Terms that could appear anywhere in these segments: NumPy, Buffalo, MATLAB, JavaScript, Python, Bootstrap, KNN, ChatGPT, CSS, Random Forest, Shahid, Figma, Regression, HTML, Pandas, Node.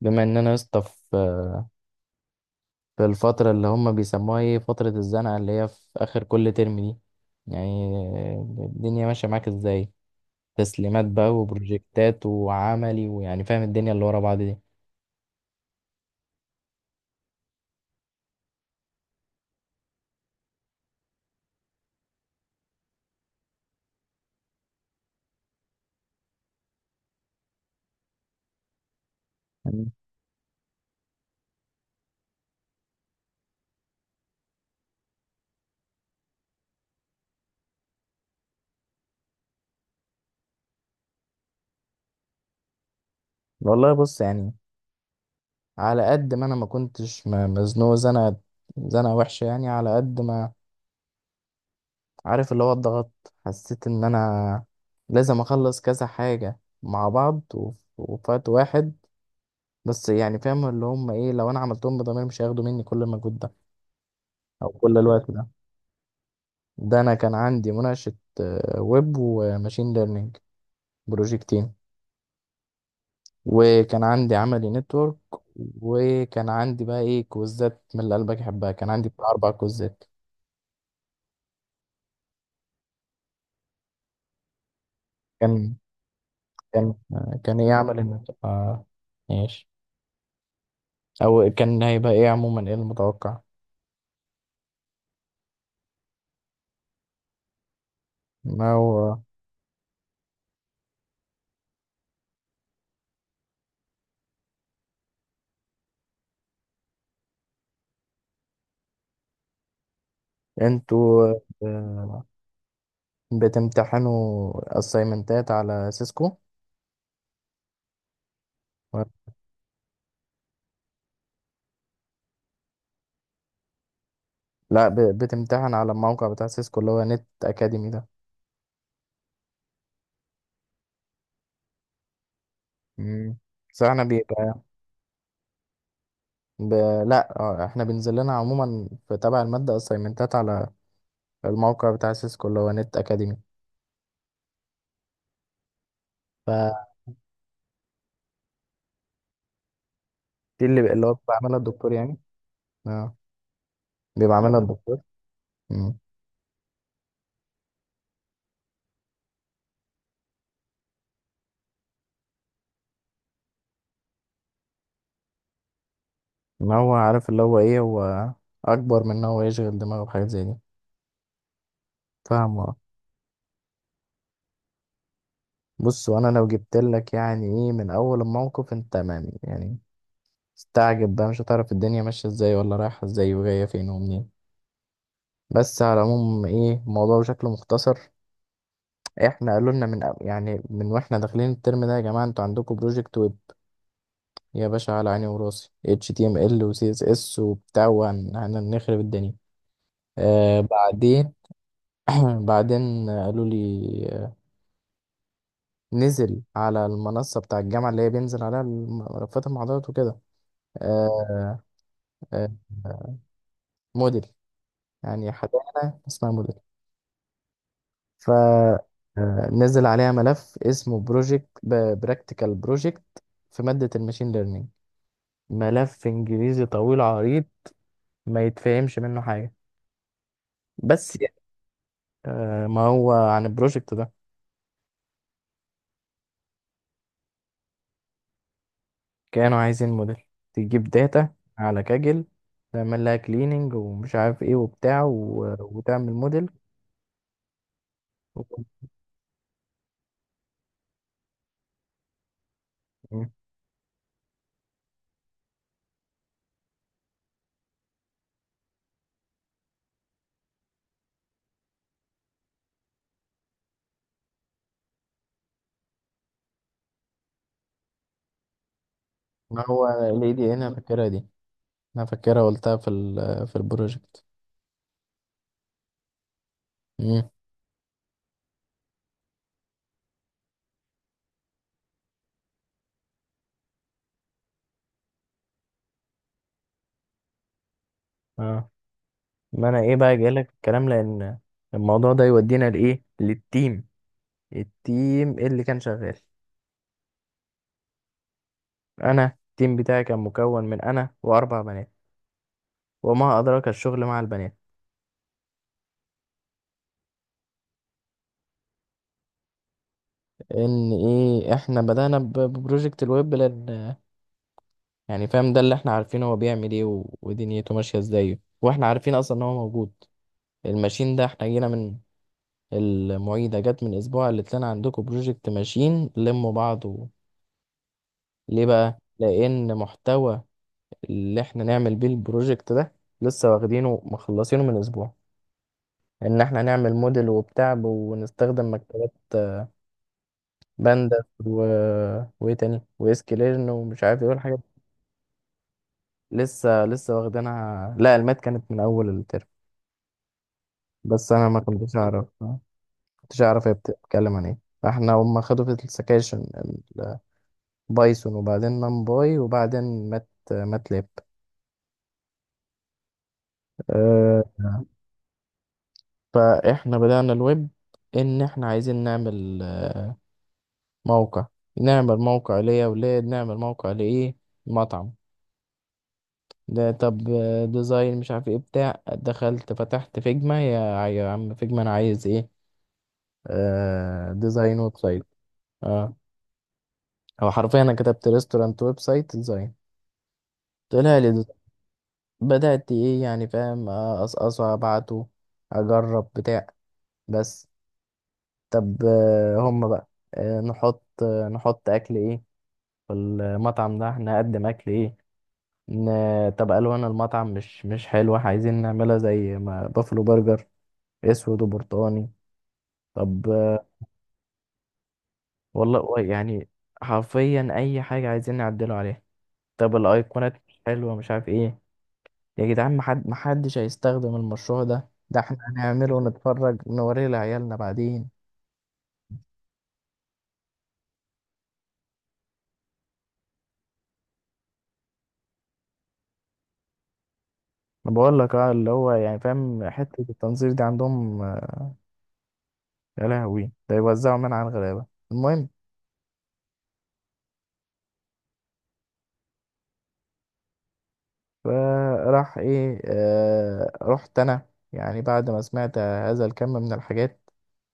بما ان انا يا اسطى في الفتره اللي هم بيسموها ايه فتره الزنقه اللي هي في اخر كل ترم دي. يعني الدنيا ماشيه معاك ازاي، تسليمات بقى وبروجكتات وعملي، ويعني فاهم الدنيا اللي ورا بعض دي. مم. والله بص يعني، على قد ما انا ما كنتش مزنوق زنقه، زنقه وحشه. يعني على قد ما عارف اللي هو الضغط، حسيت ان انا لازم اخلص كذا حاجه مع بعض وفي وقت واحد. بس يعني فاهم اللي هم ايه، لو انا عملتهم بضمير مش هياخدوا مني كل المجهود ده او كل الوقت ده. ده انا كان عندي مناقشة ويب وماشين ليرنينج، بروجكتين، وكان عندي عملي نتورك، وكان عندي بقى ايه كوزات من اللي قلبك يحبها، كان عندي بتاع اربع كوزات. كان كان ايه عمل النتورك ماشي. او كان هيبقى ايه عموما ايه المتوقع. ما هو انتوا آه، بتمتحنوا اسايمنتات على سيسكو. لا، بتمتحن على الموقع بتاع سيسكو اللي هو نت اكاديمي ده. مم. بس احنا بيبقى ب... لا، احنا بينزل لنا عموما في تبع المادة اسايمنتات على الموقع بتاع سيسكو اللي هو نت اكاديمي. فدي اللي هو بيبقى عاملها الدكتور يعني. اه، بيبقى عاملها الدكتور. مم. ان هو عارف اللي هو ايه، هو اكبر من ان هو يشغل دماغه بحاجات زي دي، فاهم اه. بص، وانا لو جبت لك يعني ايه من اول الموقف انت تمام، يعني استعجب بقى، مش هتعرف الدنيا ماشية ازاي ولا رايحة ازاي وجاية فين ومنين. بس على العموم ايه الموضوع بشكل مختصر، احنا قالوا لنا من يعني من واحنا داخلين الترم ده، يا جماعه انتوا عندكم بروجكت ويب. يا باشا، على عيني وراسي، اتش تي ام ال وسي اس اس وبتاع وهنخرب الدنيا. بعدين بعدين قالوا لي نزل على المنصه بتاع الجامعه اللي هي بينزل عليها ملفات المحاضرات وكده. آه آه آه، موديل، يعني حاجه اسمها موديل، فنزل عليها ملف اسمه بروجكت، براكتيكال بروجكت، في مادة الماشين ليرنينج. ملف انجليزي طويل عريض، ما يتفهمش منه حاجة، بس يعني، ما هو عن البروجكت ده كانوا عايزين موديل، تجيب داتا على كاجل، تعمل لها كليننج ومش عارف ايه وبتاع وتعمل موديل و... ما هو الاي دي ان انا فاكرها دي، انا فاكرها قلتها في في البروجكت. مم. اه ما انا ايه بقى جايلك في الكلام، لان الموضوع ده يودينا لايه، للتيم، التيم اللي كان شغال. انا التيم بتاعي كان مكون من انا واربع بنات، وما ادراك الشغل مع البنات. ان ايه، احنا بدأنا ببروجكت الويب، لان يعني فاهم ده اللي احنا عارفينه، هو بيعمل ايه ودنيته ماشية ازاي، واحنا عارفين اصلا ان هو موجود. الماشين ده احنا جينا من المعيدة، جت من اسبوع قالت لنا عندكم بروجكت ماشين لموا بعض ليه بقى، لان محتوى اللي احنا نعمل بيه البروجكت ده لسه واخدينه، مخلصينه من اسبوع، ان احنا هنعمل موديل وبتاع ونستخدم مكتبات بانداس وايه تاني، واسكليرن ومش عارف ايه الحاجات دي. لسه لسه واخدينها. لا المات كانت من اول الترم، بس انا ما كنتش اعرف هي بتتكلم عن ايه. فاحنا هم خدوا في السكاشن بايثون، وبعدين نمباي، وبعدين مات ماتلاب أه فاحنا بدأنا الويب، ان احنا عايزين نعمل موقع، نعمل موقع ليا ولاد، نعمل موقع لإيه، مطعم. ده طب ديزاين مش عارف ايه بتاع، دخلت فتحت فيجما، يا عم فيجما انا عايز ايه، ديزاين ويب سايت. اه، هو حرفيا انا كتبت ريستورانت ويب سايت ديزاين، طلع لي ديزاين، بدأت ايه يعني فاهم، اقصقصه ابعته، اجرب بتاع. بس طب هم بقى، نحط اكل ايه، في المطعم ده هنقدم اكل ايه. طب ألوان المطعم مش حلوة، عايزين نعملها زي ما بافلو برجر، أسود وبرتقاني. طب والله يعني حرفيا أي حاجة عايزين نعدله عليها. طب الأيقونات مش حلوة مش عارف إيه. يا جدعان، محدش هيستخدم المشروع ده، ده احنا هنعمله ونتفرج نوريه لعيالنا بعدين. أنا بقول لك اه، اللي هو يعني فاهم حتة التنظير دي عندهم يا لهوي، ده يوزعوا من على الغلابة. المهم، فراح ايه آه رحت انا، يعني بعد ما سمعت هذا الكم من الحاجات.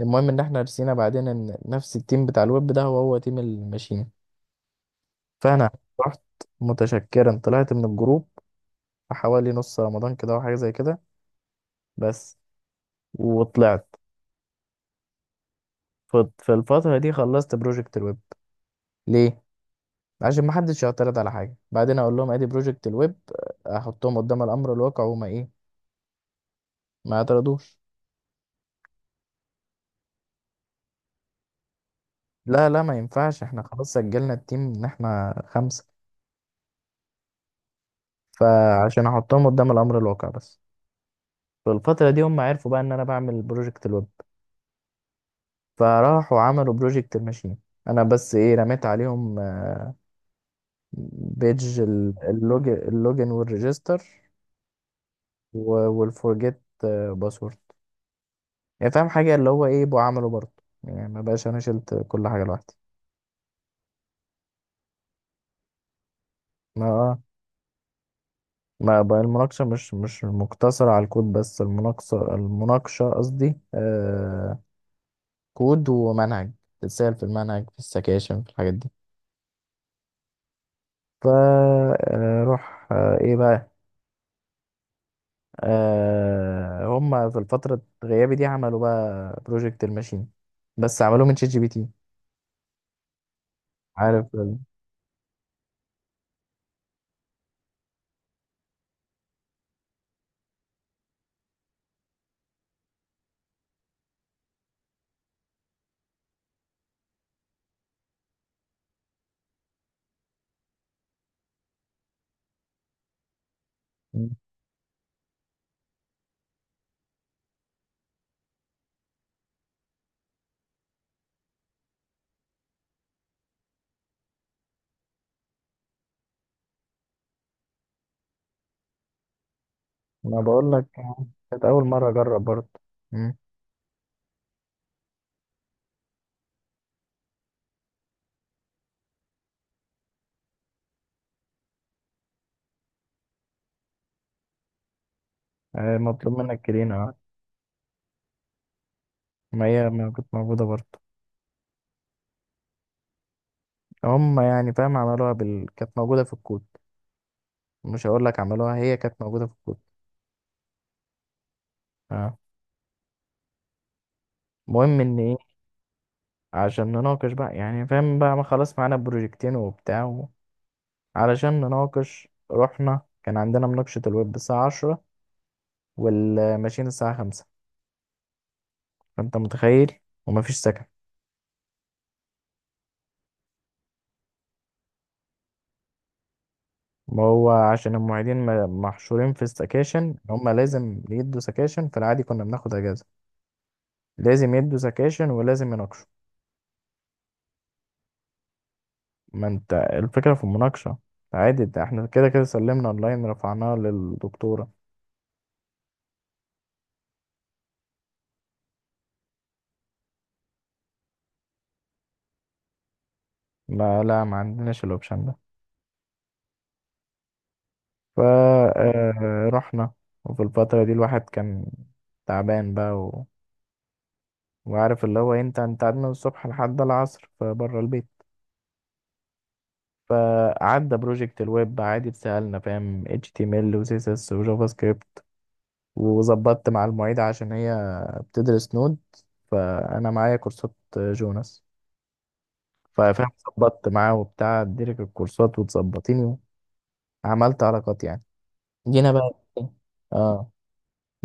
المهم ان احنا رسينا بعدين ان نفس التيم بتاع الويب ده هو هو تيم الماشين. فانا رحت متشكرا، طلعت من الجروب حوالي نص رمضان كده او حاجه زي كده بس، وطلعت. في الفتره دي خلصت بروجكت الويب. ليه؟ عشان ما حدش يعترض على حاجه بعدين، اقول لهم ادي بروجكت الويب، احطهم قدام الامر الواقع وما ايه، ما اعترضوش. لا لا، ما ينفعش، احنا خلاص سجلنا التيم ان احنا خمسة. فعشان احطهم قدام الامر الواقع بس. في الفترة دي هم عرفوا بقى ان انا بعمل بروجكت الويب، فراحوا عملوا بروجكت الماشين. انا بس ايه، رميت عليهم بيج اللوج، اللوجن والريجستر والفورجيت باسورد، يعني فاهم حاجة اللي هو ايه بقى عمله برضه، يعني ما بقاش انا شلت كل حاجة لوحدي. ما اه ما بقى المناقشة مش مقتصرة على الكود بس، المناقشة المناقشة قصدي كود ومنهج، تتسأل في المنهج في السكاشن في الحاجات دي. فروح ايه بقى، آه هم في الفترة غيابي دي عملوا بقى بروجكت الماشين، بس عملوه من شات جي بي تي. عارف مم. ما بقول لك كانت أول مرة أجرب برضه. مم. آه مطلوب منك كرينة آه. ما هي ما كانت موجودة برضه، هم يعني فاهم عملوها كانت موجودة في الكود، مش هقول لك عملوها، هي كانت موجودة في الكود. آه. المهم إن إيه، عشان نناقش بقى يعني فاهم بقى، ما خلاص معانا بروجكتين وبتاع علشان نناقش رحنا، كان عندنا مناقشة الويب الساعة 10، والماشين الساعة 5. فأنت متخيل، ومفيش سكن. ما هو عشان المعيدين محشورين في السكاشن، هما لازم يدوا سكاشن، في العادي كنا بناخد أجازة. لازم يدوا سكاشن، ولازم يناقشوا. ما انت الفكرة في المناقشة، عادي، ده احنا كده كده سلمنا اونلاين رفعناه للدكتورة. ما عندناش الاوبشن ده. فرحنا، وفي الفترة دي الواحد كان تعبان بقى وعارف اللي هو انت قعدنا من الصبح لحد العصر فبره البيت. فعدى بروجكت الويب عادي، اتسألنا فاهم HTML و CSS و جافا سكريبت، وظبطت مع المعيدة عشان هي بتدرس نود، فأنا معايا كورسات جوناس ففاهم، ظبطت معاه وبتاع اديلك الكورسات وتظبطيني، وعملت علاقات يعني. جينا بقى اه،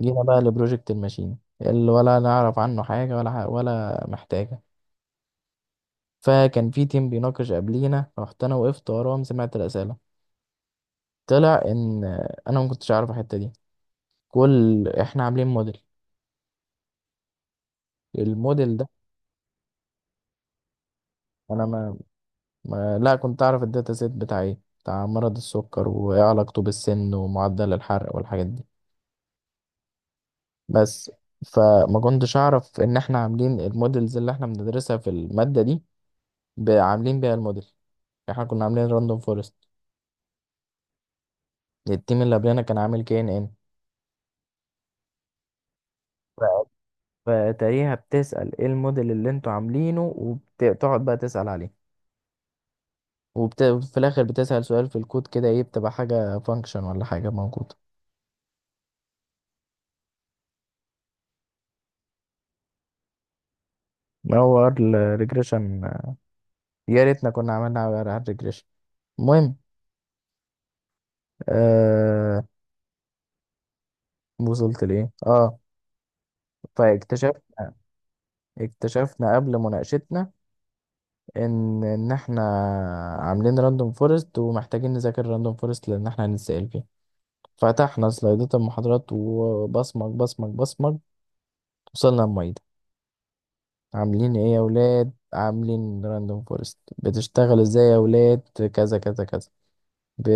جينا بقى لبروجكت الماشين، اللي ولا نعرف عنه حاجة ولا ولا محتاجة. فكان في تيم بيناقش قبلينا، رحت أنا وقفت وراهم سمعت الأسئلة. طلع إن أنا ما كنتش عارف الحتة دي. كل إحنا عاملين موديل، الموديل ده أنا ما لا كنت أعرف الداتا سيت بتاع إيه، بتاع مرض السكر وإيه علاقته بالسن ومعدل الحرق والحاجات دي بس. فما كنتش أعرف إن إحنا عاملين الموديلز اللي إحنا بندرسها في المادة دي عاملين بيها الموديل. احنا كنا عاملين راندوم فورست، التيم اللي قبلنا كان عامل كي ان ان. فتقريبا بتسأل ايه الموديل اللي انتوا عاملينه، وبتقعد بقى تسأل عليه، في الاخر بتسأل سؤال في الكود كده، ايه بتبقى حاجة فانكشن ولا حاجة موجودة. هو الريجريشن، يا ريتنا كنا عملنا على الريجريشن. المهم آه... وصلت ليه اه. فاكتشفنا اكتشفنا قبل مناقشتنا ان احنا عاملين راندوم فورست، ومحتاجين نذاكر راندوم فورست لان احنا هنتسأل فيه. فتحنا سلايدات المحاضرات وبصمج بصمج بصمج، وصلنا المعيدة. عاملين ايه يا ولاد؟ عاملين راندوم فورست، بتشتغل ازاي يا ولاد، كذا كذا كذا، ب...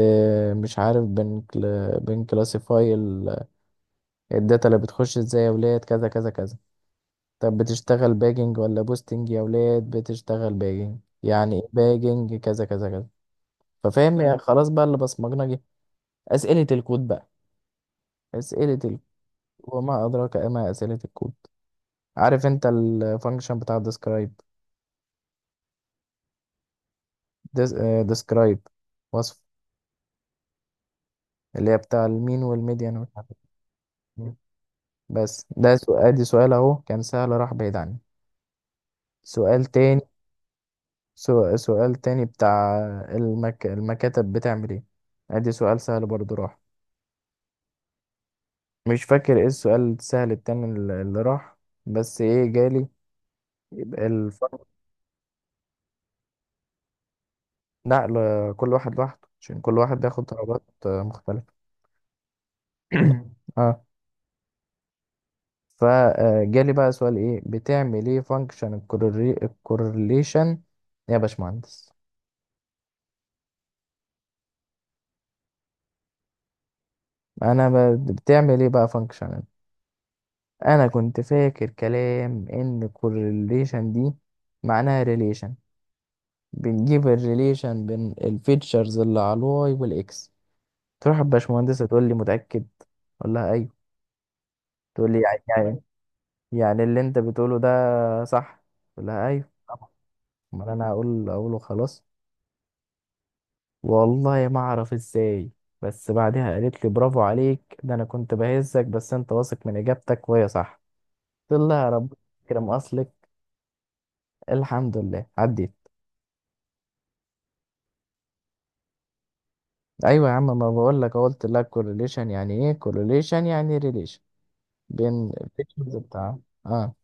مش عارف بن كلاسيفاي الداتا اللي بتخش ازاي يا ولاد، كذا كذا كذا. طب بتشتغل باجنج ولا بوستنج يا ولاد، بتشتغل باجنج، يعني ايه باجنج، كذا كذا كذا. ففاهم خلاص بقى، اللي بصمجنا جه. أسئلة الكود بقى، أسئلة الكود، وما أدراك ما أسئلة الكود. عارف انت الفانكشن بتاع ديسكرايب؟ ديسكرايب، وصف، اللي هي بتاع المين والميديان والمش عارف إيه. بس ده سؤال، دي سؤال اهو كان سهل راح بعيد عني. سؤال تاني، سؤال تاني بتاع المكاتب بتعمل ايه، ادي سؤال سهل برضو راح. مش فاكر ايه السؤال السهل التاني اللي راح. بس ايه جالي، يبقى الفرق. لا كل واحد لوحده، عشان كل واحد بياخد درجات مختلفة. اه فجالي بقى سؤال، ايه بتعمل ايه فانكشن الكورليشن يا باشمهندس. انا بتعمل ايه بقى فانكشن. انا كنت فاكر كلام ان الكورليشن دي معناها ريليشن، بنجيب الريليشن بين الفيتشرز اللي على الواي والاكس. تروح الباشمهندسة تقول لي متأكد، اقول لها ايوه. تقول لي يعني، اللي انت بتقوله ده صح، اقول لها ايوه طبعا. امال انا هقول اقوله خلاص. والله ما اعرف ازاي، بس بعدها قالت لي برافو عليك، ده انا كنت بهزك بس، انت واثق من اجابتك وهي صح. قلت لها ربنا يكرم اصلك، الحمد لله عديت. ايوه يا عم، ما بقول لك قلت لك كورليشن يعني ايه، كورليشن يعني ريليشن بين الفيكشنز بتاع. اه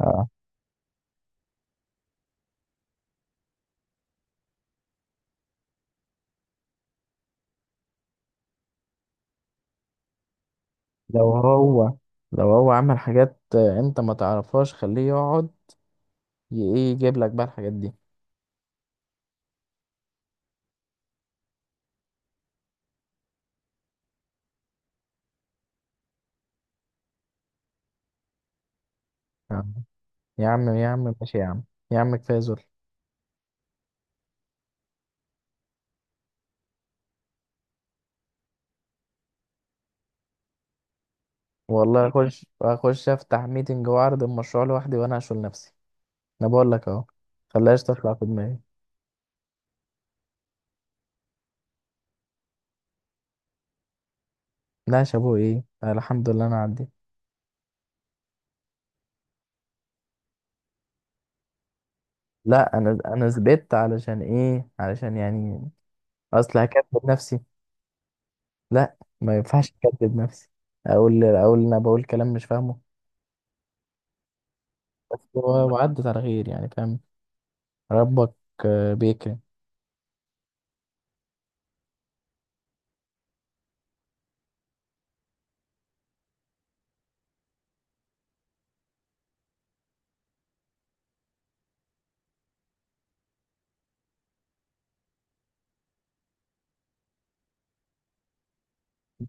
اه. لو هو، لو هو عمل حاجات انت ما تعرفهاش، خليه يقعد ايه يجيب لك بقى الحاجات دي. آه. يا عم يا عم ماشي يا عم، يا عم كفايه. والله اخش اخش افتح ميتنج واعرض المشروع لوحدي وانا اشغل نفسي. انا بقول لك اهو، خلاش تطلع في دماغي. لا يا شابو ايه، أنا الحمد لله انا عديت. لا انا انا ثبت، علشان ايه، علشان يعني اصل هكذب نفسي. لا ما ينفعش اكذب نفسي، اقول انا بقول كلام مش فاهمه. بس وعدت على خير يعني فاهم، ربك بيكرم.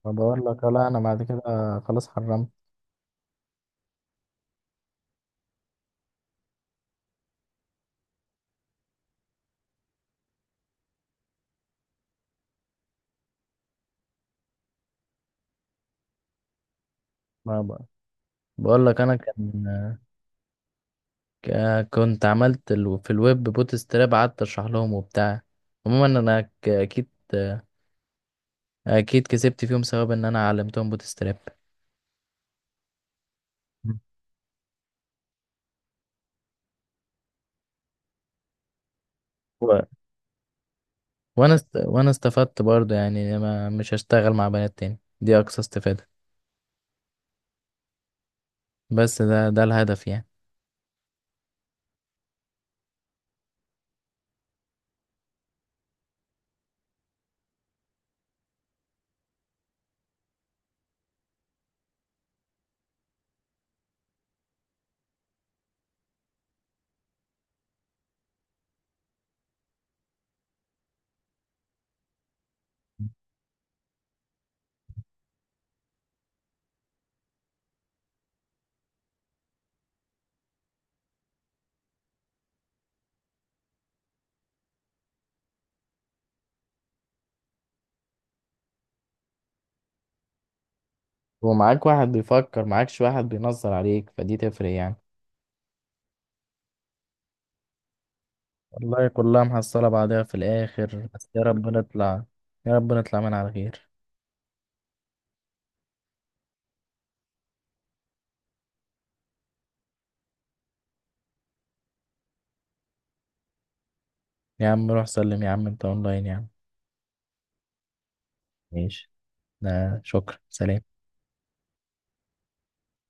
ما بقول لك، لا انا بعد كده خلاص حرمت. ما بقول لك انا كان كنت عملت في الويب بوت ستراب، قعدت اشرح لهم وبتاع. عموما انا اكيد اكيد كسبت فيهم سبب ان انا علمتهم بوت ستراب و... وانا استفدت برضه يعني، ما مش هشتغل مع بنات تاني، دي اقصى استفادة. بس ده ده الهدف يعني. ومعاك واحد بيفكر معاكش واحد بينظر عليك فدي تفرق يعني. والله كلها محصلة بعضها في الآخر، بس يا رب نطلع، يا رب نطلع من على خير. يا عم روح سلم يا عم، انت اونلاين يا عم. ماشي. ده شكرا سلام.